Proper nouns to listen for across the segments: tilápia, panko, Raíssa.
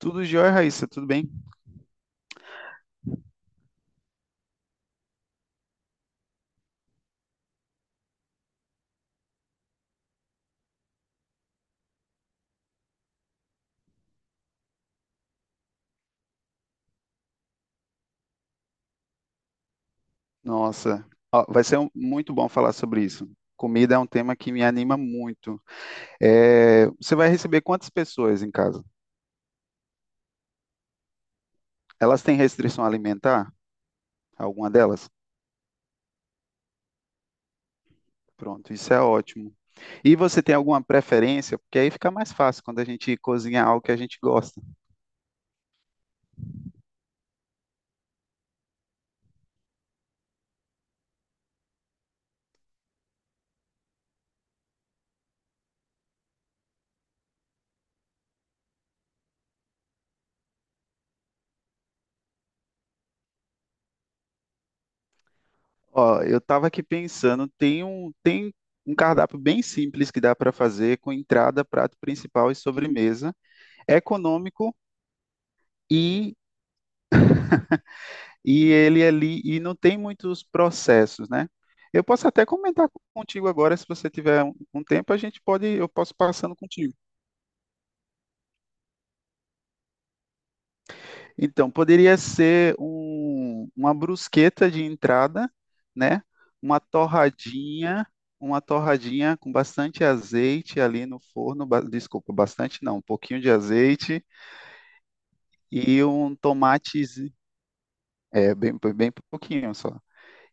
Tudo jóia, Raíssa, tudo bem? Nossa, ó, vai ser muito bom falar sobre isso. Comida é um tema que me anima muito. É, você vai receber quantas pessoas em casa? Elas têm restrição alimentar? Alguma delas? Pronto, isso é ótimo. E você tem alguma preferência? Porque aí fica mais fácil quando a gente cozinha algo que a gente gosta. Ó, eu tava aqui pensando, tem um cardápio bem simples que dá para fazer com entrada, prato principal e sobremesa. É econômico e, e ele ali e não tem muitos processos, né? Eu posso até comentar contigo agora, se você tiver um tempo, a gente pode, eu posso passando contigo. Então, poderia ser uma brusqueta de entrada, né? Uma torradinha, uma torradinha com bastante azeite ali no forno, desculpa, bastante não, um pouquinho de azeite e um tomate, é, bem, bem pouquinho só.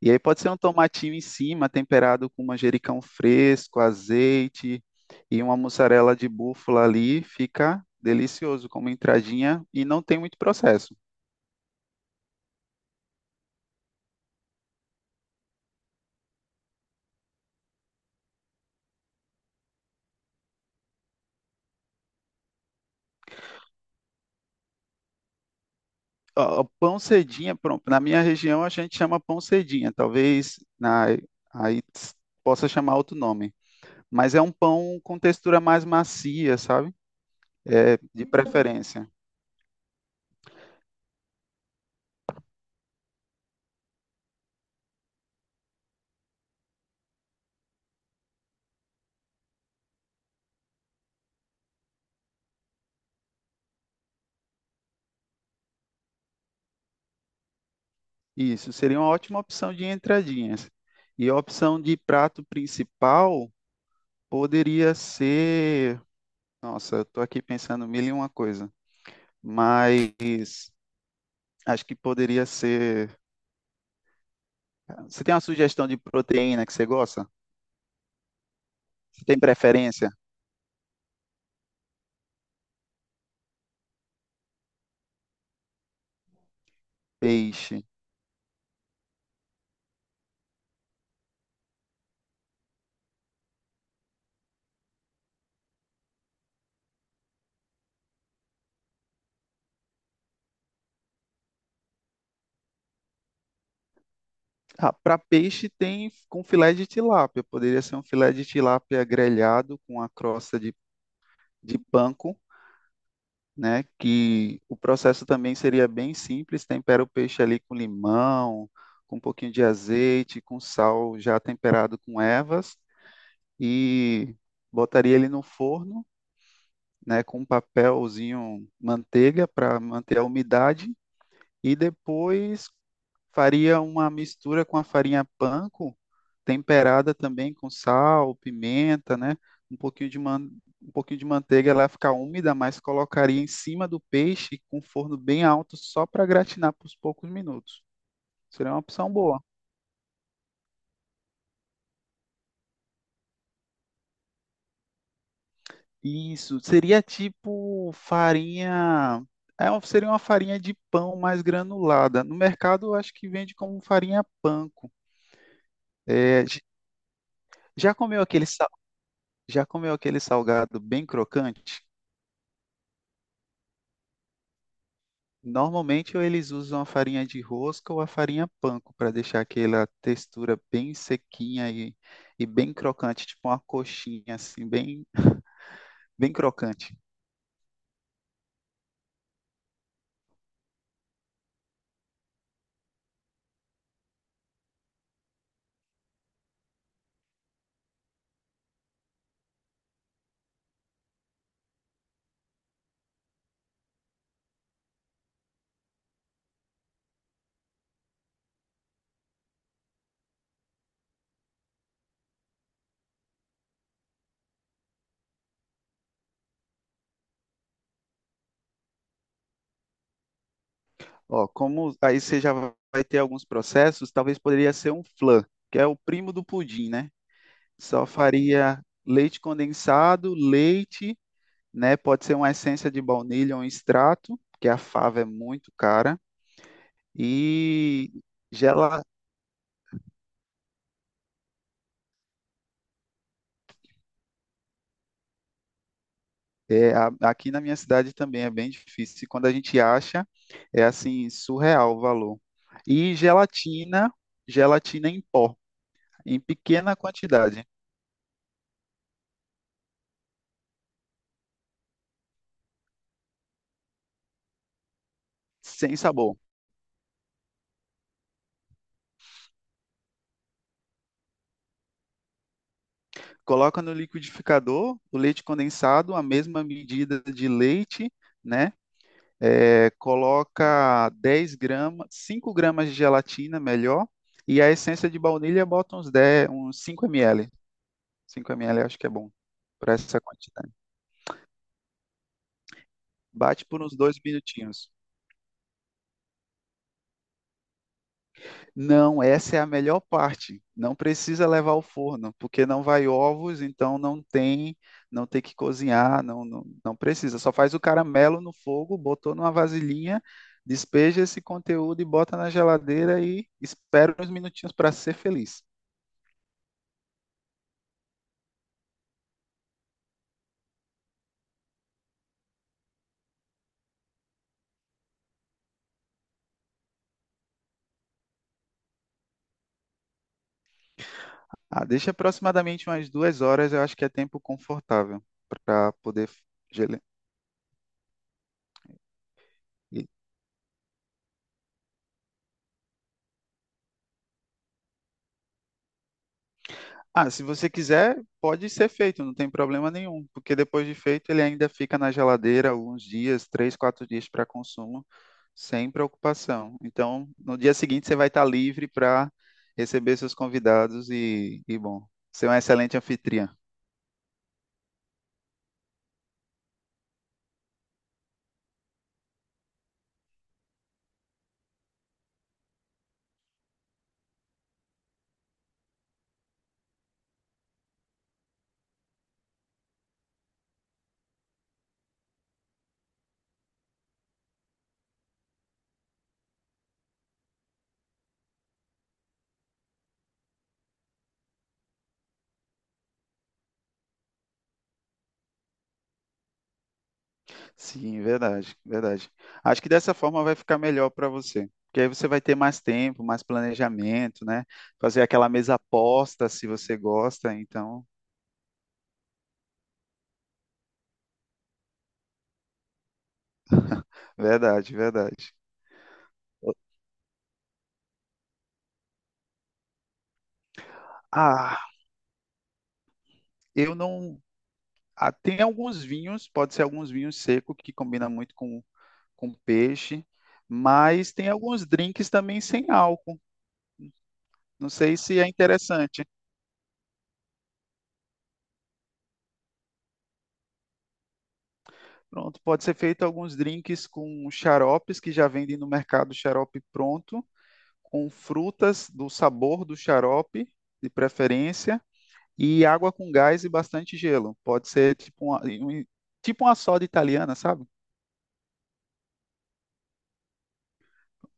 E aí pode ser um tomatinho em cima, temperado com manjericão fresco, azeite e uma mussarela de búfala ali, fica delicioso como entradinha e não tem muito processo. Ó, pão cedinha, pronto. Na minha região a gente chama pão cedinha, talvez aí ts- possa chamar outro nome. Mas é um pão com textura mais macia, sabe? É, de preferência. Isso seria uma ótima opção de entradinhas. E a opção de prato principal poderia ser. Nossa, eu tô aqui pensando mil e uma coisa. Mas acho que poderia ser. Você tem uma sugestão de proteína que você gosta? Você tem preferência? Peixe. Ah, para peixe tem com filé de tilápia. Poderia ser um filé de tilápia grelhado com a crosta de panko, né? Que o processo também seria bem simples. Tempera o peixe ali com limão, com um pouquinho de azeite, com sal já temperado com ervas e botaria ele no forno, né? Com um papelzinho manteiga para manter a umidade. E depois faria uma mistura com a farinha panko, temperada também com sal, pimenta, né? Um pouquinho de, man... um pouquinho de manteiga, ela ia ficar úmida, mas colocaria em cima do peixe com forno bem alto só para gratinar por poucos minutos. Seria uma opção boa. Isso, seria tipo farinha. É, seria uma farinha de pão mais granulada. No mercado, eu acho que vende como farinha panko. É, já comeu aquele já comeu aquele salgado bem crocante? Normalmente ou eles usam a farinha de rosca ou a farinha panko para deixar aquela textura bem sequinha e bem crocante, tipo uma coxinha assim, bem, bem crocante. Ó, como aí você já vai ter alguns processos, talvez poderia ser um flan, que é o primo do pudim, né? Só faria leite condensado, leite, né? Pode ser uma essência de baunilha ou um extrato, porque a fava é muito cara. E gela, aqui na minha cidade também é bem difícil. E quando a gente acha, é assim, surreal o valor. E gelatina, gelatina em pó, em pequena quantidade, sem sabor. Coloca no liquidificador o leite condensado, a mesma medida de leite, né? É, coloca 10 gramas, 5 gramas de gelatina, melhor, e a essência de baunilha bota uns 10, uns 5 ml. 5 ml acho que é bom para essa quantidade. Bate por uns 2 minutinhos. Não, essa é a melhor parte. Não precisa levar ao forno, porque não vai ovos, então não tem, que cozinhar, não, não, não precisa. Só faz o caramelo no fogo, botou numa vasilhinha, despeja esse conteúdo e bota na geladeira e espera uns minutinhos para ser feliz. Ah, deixa aproximadamente umas 2 horas, eu acho que é tempo confortável para poder gele- e- Ah, se você quiser, pode ser feito, não tem problema nenhum, porque depois de feito ele ainda fica na geladeira alguns dias, 3, 4 dias para consumo, sem preocupação. Então, no dia seguinte você vai estar livre para receber seus convidados e bom, ser um excelente anfitriã. Sim, verdade, verdade. Acho que dessa forma vai ficar melhor para você, porque aí você vai ter mais tempo, mais planejamento, né? Fazer aquela mesa aposta se você gosta, então, verdade, verdade. Ah, eu não. Ah, tem alguns vinhos, pode ser alguns vinhos secos que combina muito com peixe, mas tem alguns drinks também sem álcool. Não sei se é interessante. Pronto, pode ser feito alguns drinks com xaropes que já vendem no mercado xarope pronto com frutas do sabor do xarope, de preferência, e água com gás e bastante gelo. Pode ser tipo uma soda italiana, sabe?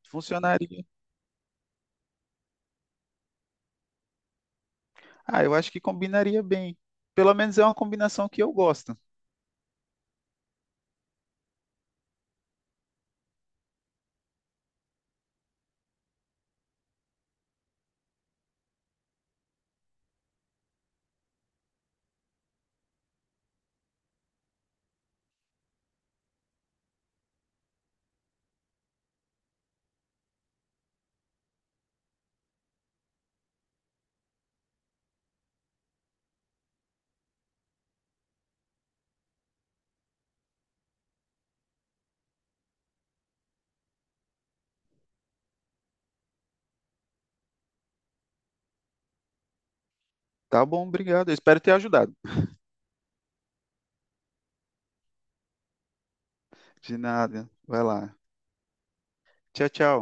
Funcionaria. Ah, eu acho que combinaria bem. Pelo menos é uma combinação que eu gosto. Tá bom, obrigado. Eu espero ter ajudado. De nada. Vai lá. Tchau, tchau.